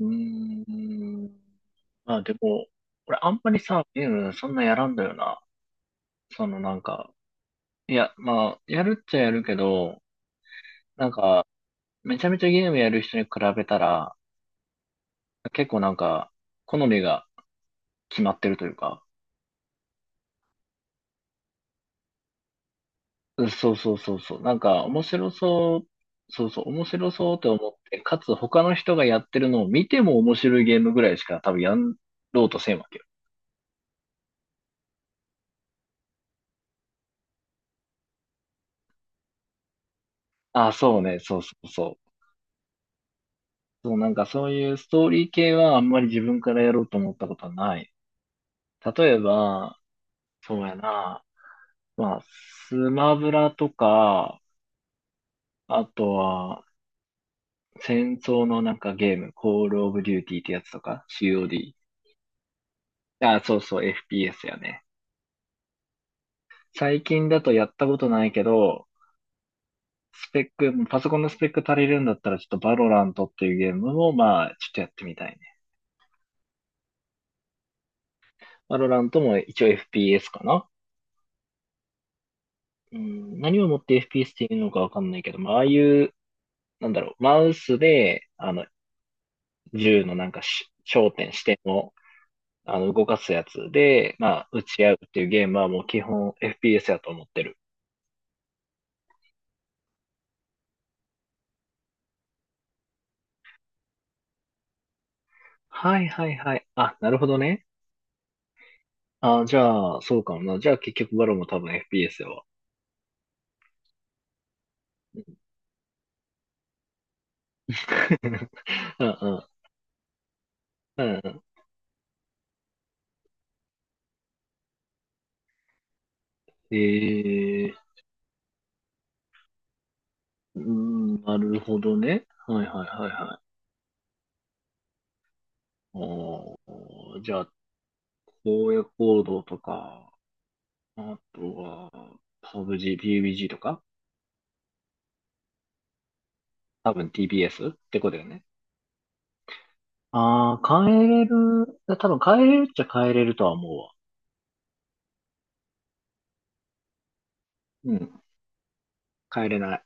うーん。まあでも、俺あんまりさ、ゲームそんなやらんだよな。そのなんか、いや、まあ、やるっちゃやるけど、なんか、めちゃめちゃゲームやる人に比べたら、結構なんか、好みが決まってるというか、うんそうそうそうそう、なんか面白そう、そうそう、面白そうって思って、かつ他の人がやってるのを見ても面白いゲームぐらいしか多分やろうとせんわけよ。あ、そうね、そうそうそう。そう、なんかそういうストーリー系はあんまり自分からやろうと思ったことはない。例えば、そうやな、まあ、スマブラとか、あとは、戦争のなんかゲーム、コールオブデューティーってやつとか、COD。あ、そうそう、FPS やね。最近だとやったことないけど、スペック、パソコンのスペック足りるんだったら、ちょっとバロラントっていうゲームも、まあ、ちょっとやってみたいね。バロラントも一応 FPS かな。うん、何をもって FPS っていうのかわかんないけど、まあ、ああいうなんだろう、マウスで、銃のなんかし焦点、視点を、動かすやつで、まあ、撃ち合うっていうゲームはもう基本 FPS やと思ってる。はいはいはい。あ、なるほどね。あ、じゃあ、そうかもな。じゃあ結局バロも多分 FPS やわ。うんうん。うんえー、うん、なるほどね。はいはいはいはい。おー、じゃあ、荒野行動とか、あとは、PUBG とか多分 TBS ってことだよね。ああ、変えれる。多分変えれるっちゃ変えれるとは思うわ。うん。変えれない。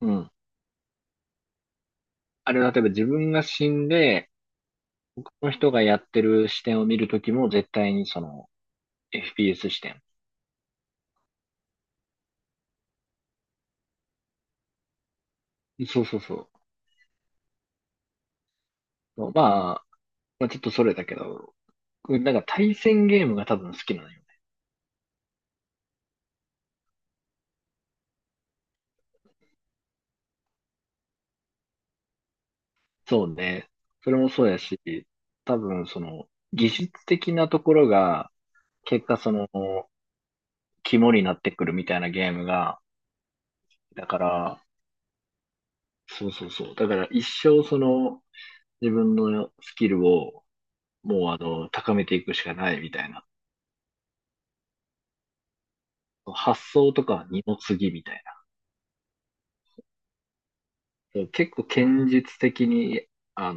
うん。あれは例えば自分が死んで、この人がやってる視点を見るときも絶対にその FPS 視点。そうそうそう。まあちょっとそれだけど、なんか対戦ゲームが多分好きなのよね。そうね。それもそうやし、多分その技術的なところが結果その肝になってくるみたいなゲームが、だから、そうそうそう。だから一生その自分のスキルをもう高めていくしかないみたいな。発想とかは二の次みたいな。そう結構堅実的に、あの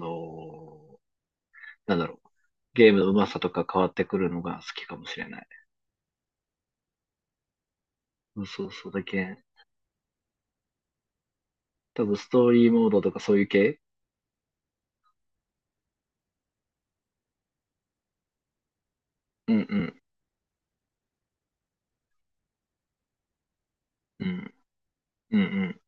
なんだろう。ゲームの上手さとか変わってくるのが好きかもしれない。そうそうそう。多分ストーリーモードとかそういう系。うんうん。うん。うんうん。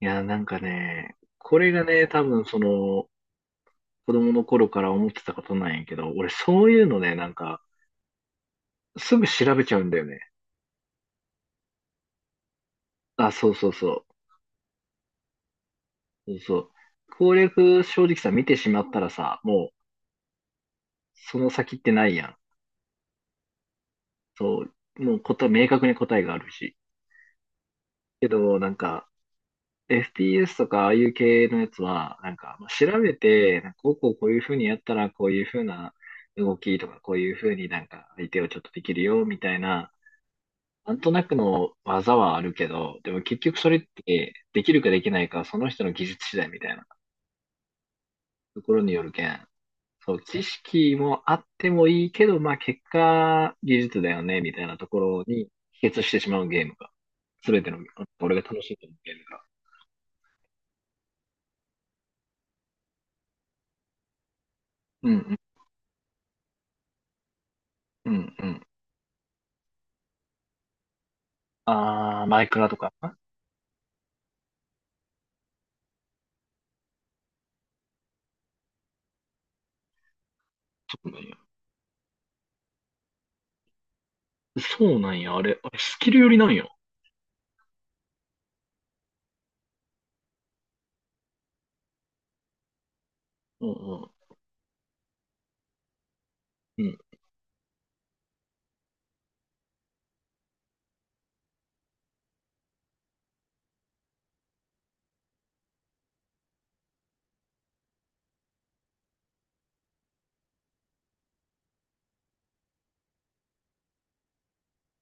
いや、なんかね、これがね、多分その、子供の頃から思ってたことなんやけど、俺そういうのね、なんか、すぐ調べちゃうんだよね。あ、そうそうそう。そうそう。攻略正直さ、見てしまったらさ、もう、その先ってないやん。そう、もう明確に答えがあるし。けど、なんか、FPS とかああいう系のやつは、なんか、まあ調べて、なんかこうこうこういう風にやったら、こういう風な動きとか、こういう風になんか相手をちょっとできるよ、みたいな、なんとなくの技はあるけど、でも結局それって、できるかできないかはその人の技術次第みたいなところによるけん。そう、知識もあってもいいけど、まあ結果、技術だよね、みたいなところに帰結してしまうゲームが、すべての、俺が楽しいと思うゲームが。うんうん、うん、うん。あー、マイクラとか。そうなんや。そうなんや、あれスキルよりなんや。うんうん。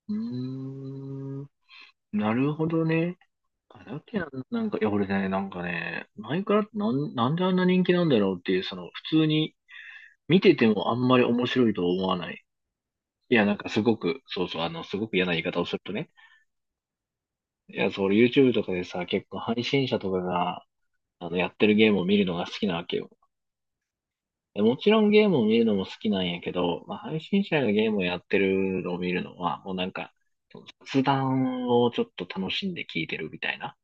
うん。うーん。なるほどね。あ、だけどなんか、いや、俺ね、なんかね、マイクラってなんであんな人気なんだろうっていう、その、普通に見ててもあんまり面白いと思わない。いや、なんかすごく、そうそう、すごく嫌な言い方をするとね。いや、そう、俺 YouTube とかでさ、結構配信者とかが、やってるゲームを見るのが好きなわけよ。でもちろんゲームを見るのも好きなんやけど、まあ、配信者がゲームをやってるのを見るのは、もうなんか、雑談をちょっと楽しんで聞いてるみたいな。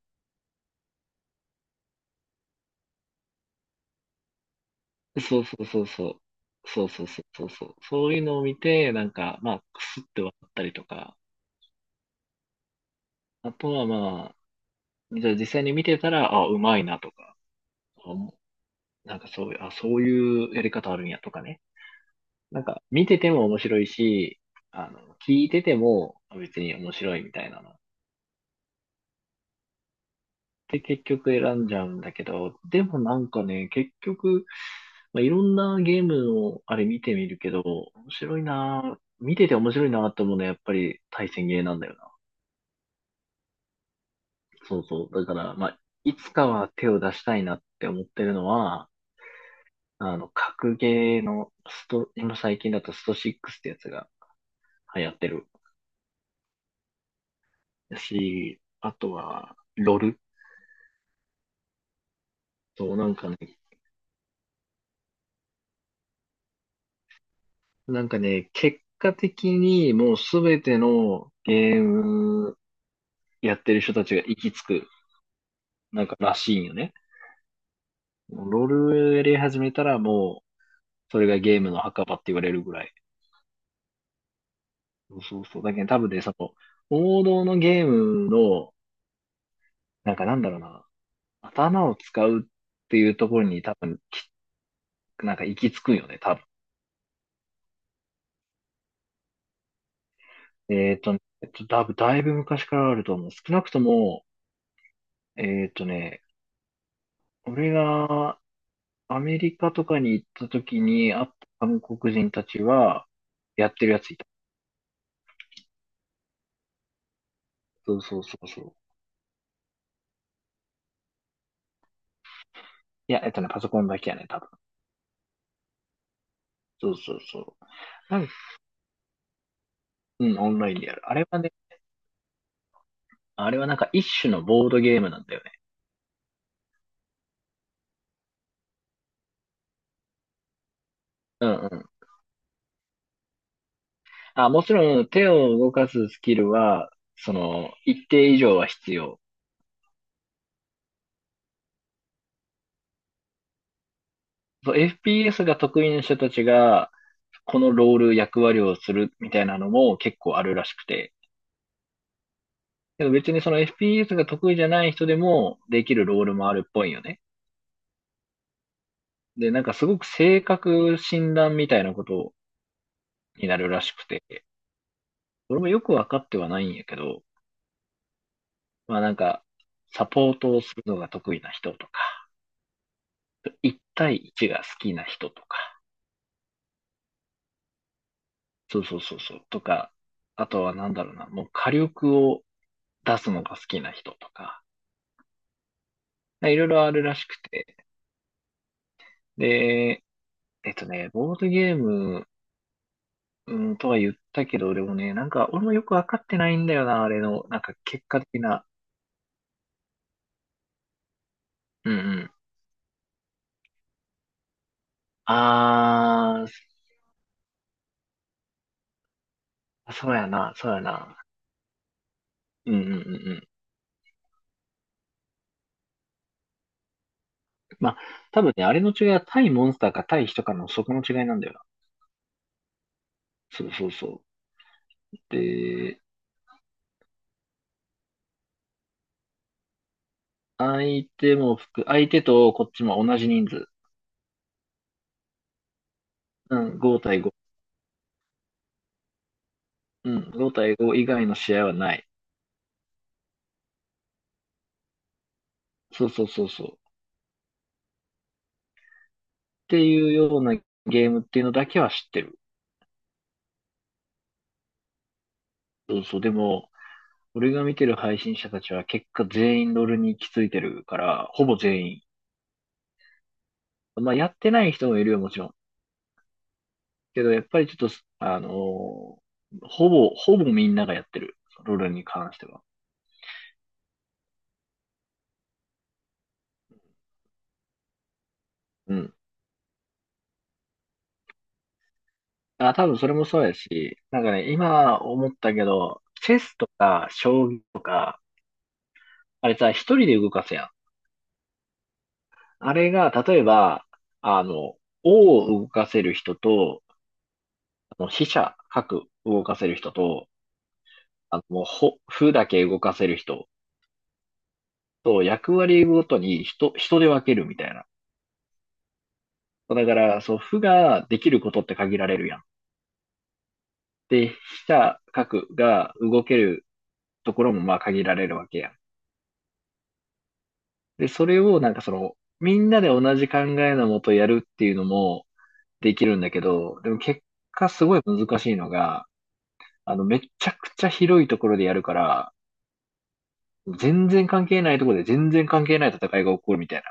そうそうそうそう。そうそうそうそうそう。そういうのを見て、なんか、まあ、くすって笑ったりとか、あとはまあ、じゃあ実際に見てたら、あ、うまいなとか、なんかそういう、あ、そういうやり方あるんやとかね。なんか見てても面白いし、あの、聞いててもあ別に面白いみたいなの。で、結局選んじゃうんだけど、でもなんかね、結局、まあ、いろんなゲームのあれ見てみるけど、面白いなぁ、見てて面白いなぁと思うのはやっぱり対戦ゲーなんだよな。そうそう。だから、まあ、いつかは手を出したいなって思ってるのは、格ゲーの今最近だとスト6ってやつが流行ってるだし、あとは、ロルと、なんかね、結果的にもうすべてのゲームやってる人たちが行き着く、なんからしいんよね。ロールやり始めたらもう、それがゲームの墓場って言われるぐらい。そうそうそう。だけど多分ね、その、王道のゲームの、なんかなんだろうな、頭を使うっていうところに多分、なんか行き着くんよね、多分。えっとね、多分だいぶ昔からあると思う。少なくとも、えっとね、俺がアメリカとかに行った時に会った韓国人たちは、やってるやついた。そうそうそうそう。いや、パソコンだけやね、多分。そうそうそう。なんうん、オンラインでやる。あれはね、あれはなんか一種のボードゲームなんだよね。うんうん。あ、もちろん手を動かすスキルは、その、一定以上は必要。そう、FPS が得意な人たちが、このロール役割をするみたいなのも結構あるらしくて。でも別にその FPS が得意じゃない人でもできるロールもあるっぽいよね。で、なんかすごく性格診断みたいなことになるらしくて、俺もよくわかってはないんやけど、まあなんか、サポートをするのが得意な人とか、1対1が好きな人とか、そうそうそうそう、とか、あとはなんだろうな、もう火力を出すのが好きな人とか、いろいろあるらしくて、で、ボードゲーム。うん、とは言ったけど、でもね、なんか、俺もよくわかってないんだよな、あれの、なんか、結果的な。うんうん。あー、そうやな、そうやな。うんうんうんうん。まあ、多分ね、あれの違いは対モンスターか対人かのそこの違いなんだよな。そうそうそう。で、相手とこっちも同じ人数。うん、5対5。うん、5対5以外の試合はない。そうそうそうそう。っていうようなゲームっていうのだけは知ってる。そうそう。でも、俺が見てる配信者たちは結果全員ロールに行き着いてるから、ほぼ全員。まあ、やってない人もいるよ、もちろん。けど、やっぱりちょっと、ほぼみんながやってる。ロールに関しては。うん。あ、多分それもそうやし、なんかね、今思ったけど、チェスとか将棋、あれさ、一人で動かすやん。あれが、例えば、あの、王を動かせる人と、飛車、角動かせる人と、もう、歩だけ動かせる人。そう、役割ごとに人で分けるみたいな。そうだから、そう、負ができることって限られるやん。で、飛車、角が動けるところもまあ限られるわけやん。で、それをなんかその、みんなで同じ考えのもとやるっていうのもできるんだけど、でも結果すごい難しいのが、めちゃくちゃ広いところでやるから、全然関係ないところで全然関係ない戦いが起こるみたい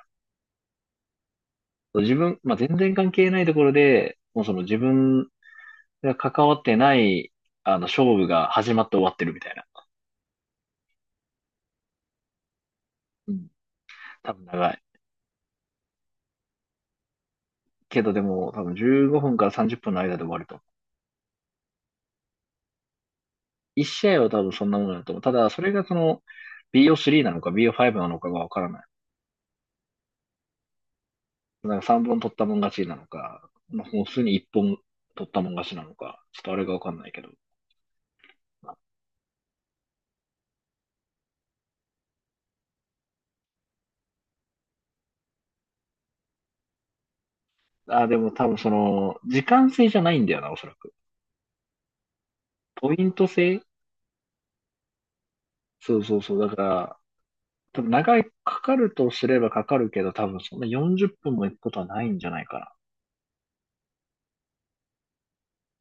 な。自分、まあ、全然関係ないところで、もうその自分それは関わってない、勝負が始まって終わってるみたいな。うん。多分長い。けどでも、多分15分から30分の間で終わると。1試合は多分そんなものだと思う。ただ、それがその、BO3 なのか BO5 なのかがわからない。なんか3本取ったもん勝ちなのか、まあ、普通に1本取ったもん勝ちなのか、ちょっとあれがわかんないけど。あ、でも多分その、時間制じゃないんだよな、おそらく。ポイント制。そうそうそう。だから、多分長い、かかるとすればかかるけど、多分そんな40分も行くことはないんじゃないか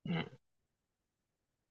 な。